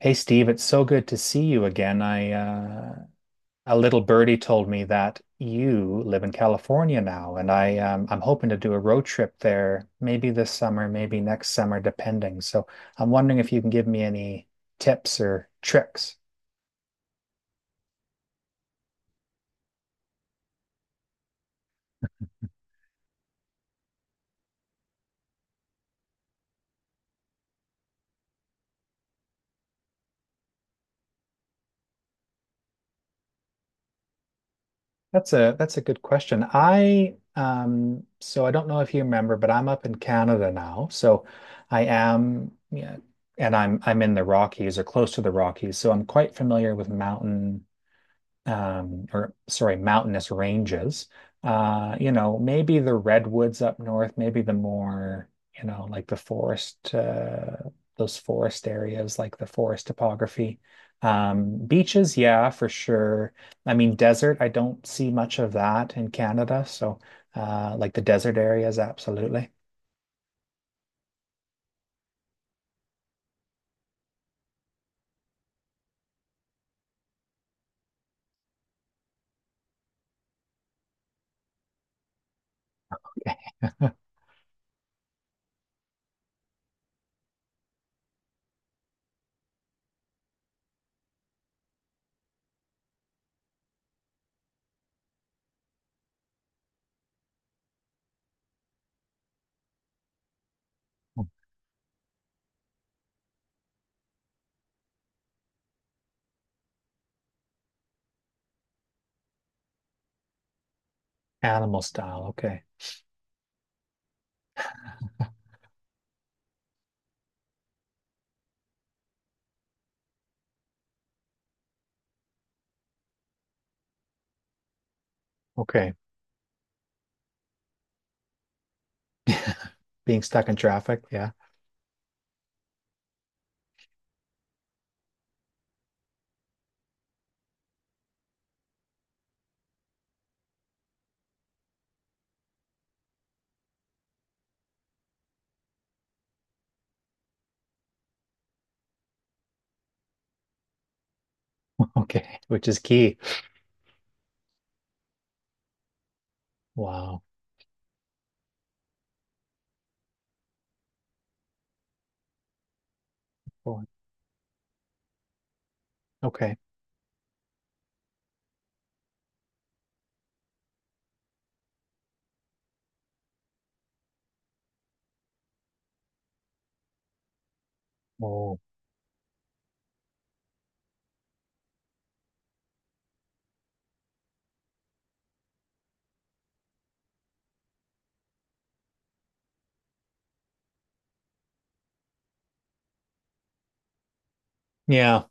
Hey Steve, it's so good to see you again. I A little birdie told me that you live in California now, and I'm hoping to do a road trip there, maybe this summer, maybe next summer, depending. So I'm wondering if you can give me any tips or tricks. That's a good question. I so I don't know if you remember, but I'm up in Canada now. So I am, yeah, and I'm in the Rockies or close to the Rockies, so I'm quite familiar with mountainous ranges. Maybe the redwoods up north, maybe the more, you know, like the forest areas, like the forest topography. Beaches, yeah, for sure. I mean, desert, I don't see much of that in Canada. So, like the desert areas, absolutely. Animal style, okay. Okay. Being stuck in traffic, yeah. Okay, which is key. Wow. Cool. Okay. Oh. Yeah.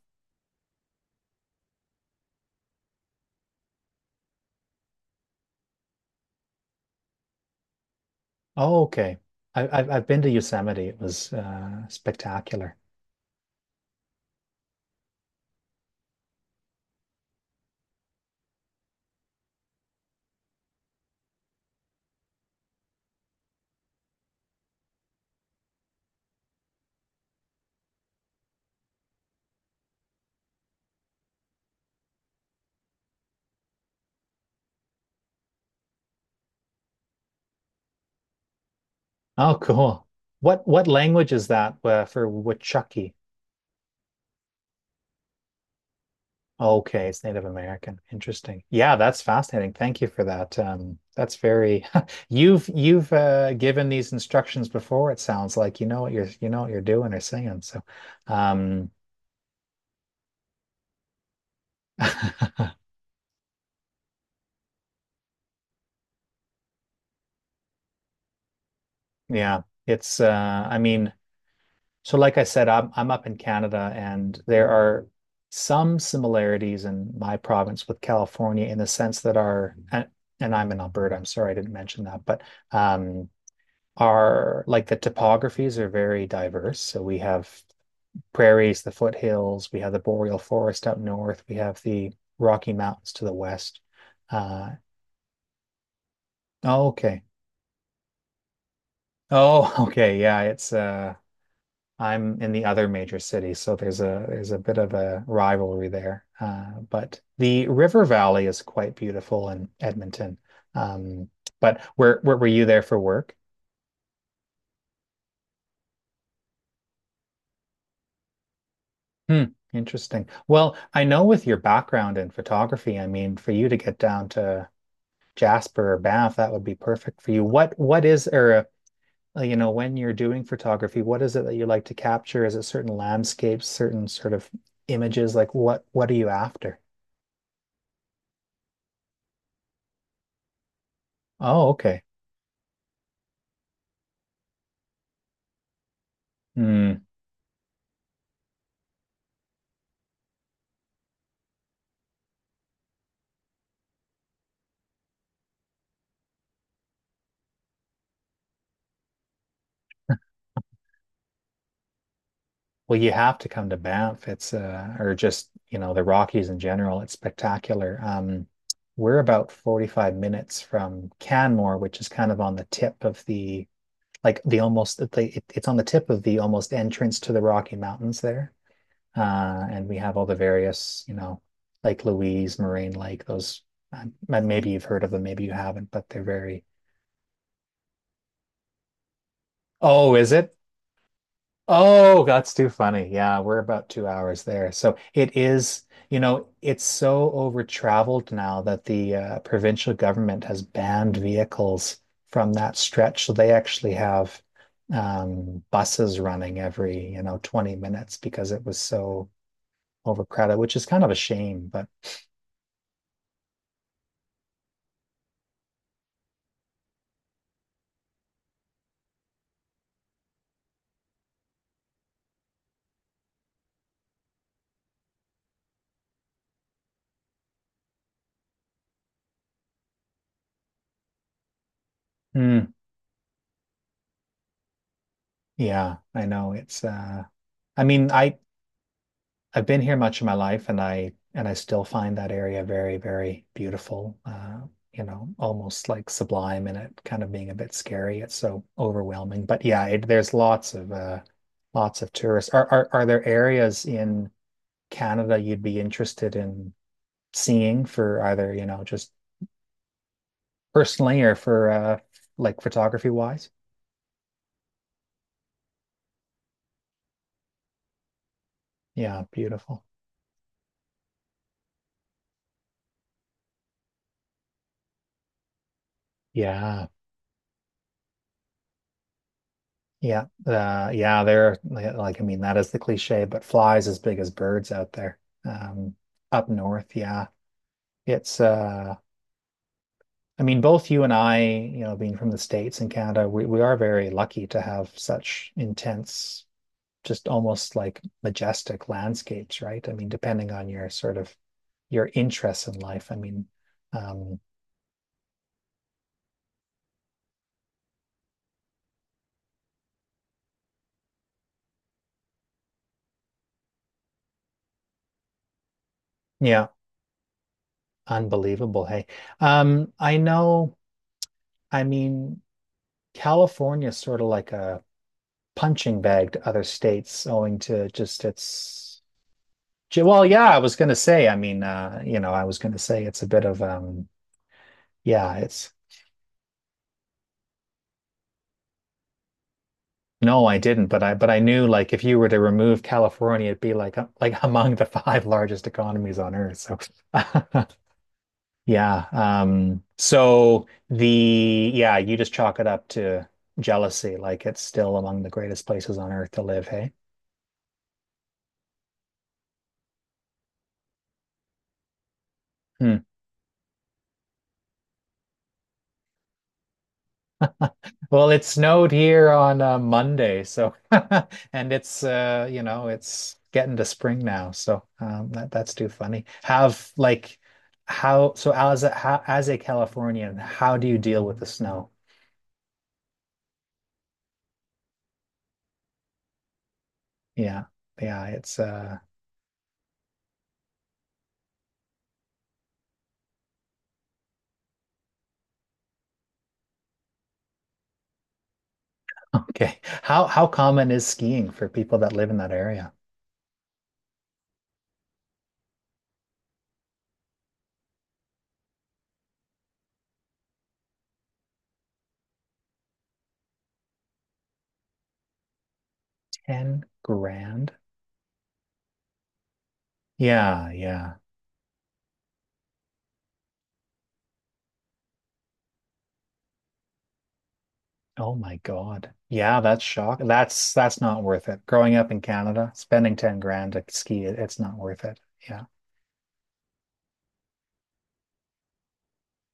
Oh, okay. I've been to Yosemite. It was spectacular. Oh, cool. What language is that for Wichaki? Okay, it's Native American. Interesting. Yeah, that's fascinating. Thank you for that. That's very. You've given these instructions before. It sounds like you know what you're doing or saying. So, um, yeah, it's. I mean. So, like I said, I'm up in Canada, and there are some similarities in my province with California in the sense that our and I'm in Alberta. I'm sorry I didn't mention that, but um, our like the topographies are very diverse. So we have prairies, the foothills, we have the boreal forest up north, we have the Rocky Mountains to the west. Uh, oh, okay. Oh, okay. Yeah, it's I'm in the other major city, so there's a bit of a rivalry there. But the river valley is quite beautiful in Edmonton. Um, but where were you there for work? Hmm, interesting. Well, I know with your background in photography, I mean, for you to get down to Jasper or Banff, that would be perfect for you. What is or you know, when you're doing photography, what is it that you like to capture? Is it certain landscapes, certain sort of images? Like what are you after? Oh, okay. Mm. Well, you have to come to Banff. It's or just, you know, the Rockies in general. It's spectacular. We're about 45 minutes from Canmore, which is kind of on the tip of the like the almost it's on the tip of the almost entrance to the Rocky Mountains there. And we have all the various, you know, Lake Louise, Moraine Lake, those maybe you've heard of them, maybe you haven't, but they're very, oh, is it? Oh, that's too funny. Yeah, we're about 2 hours there. So it is, you know, it's so over traveled now that the provincial government has banned vehicles from that stretch. So they actually have buses running every, you know, 20 minutes because it was so overcrowded, which is kind of a shame. But mm, yeah, I know it's, I mean, I, I've been here much of my life, and I still find that area very, very beautiful. You know, almost like sublime, and it kind of being a bit scary. It's so overwhelming. But there's lots of tourists. Are there areas in Canada you'd be interested in seeing for either, you know, just personally or for like photography wise? Yeah, beautiful. Yeah. Yeah, they're like, I mean, that is the cliche, but flies as big as birds out there. Um, Up north, yeah. It's, uh, I mean, both you and I, you know, being from the States and Canada, we are very lucky to have such intense, just almost like majestic landscapes, right? I mean, depending on your sort of your interests in life. I mean, um, yeah, unbelievable. Hey, I know, I mean, California is sort of like a punching bag to other states owing to just its well, yeah, I was gonna say, I mean, you know, I was gonna say it's a bit of yeah, it's no, I didn't, but I knew, like, if you were to remove California, it'd be like, like among the five largest economies on earth, so yeah, so the yeah, you just chalk it up to jealousy. Like, it's still among the greatest places on earth to live, hey. Hmm. Well, it snowed here on Monday, so and it's you know, it's getting to spring now, so that's too funny. Have like how so as a how, as a Californian, how do you deal with the snow? Yeah. Yeah, it's okay. How common is skiing for people that live in that area? 10 grand? Yeah, yeah. Oh my God. Yeah, that's shock. That's not worth it. Growing up in Canada, spending 10 grand to ski, it's not worth it. Yeah.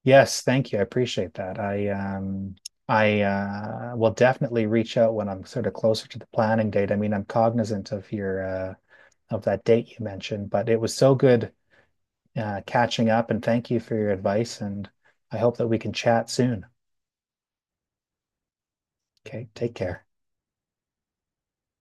Yes, thank you. I appreciate that. I will definitely reach out when I'm sort of closer to the planning date. I mean, I'm cognizant of your of that date you mentioned, but it was so good catching up, and thank you for your advice, and I hope that we can chat soon. Okay, take care.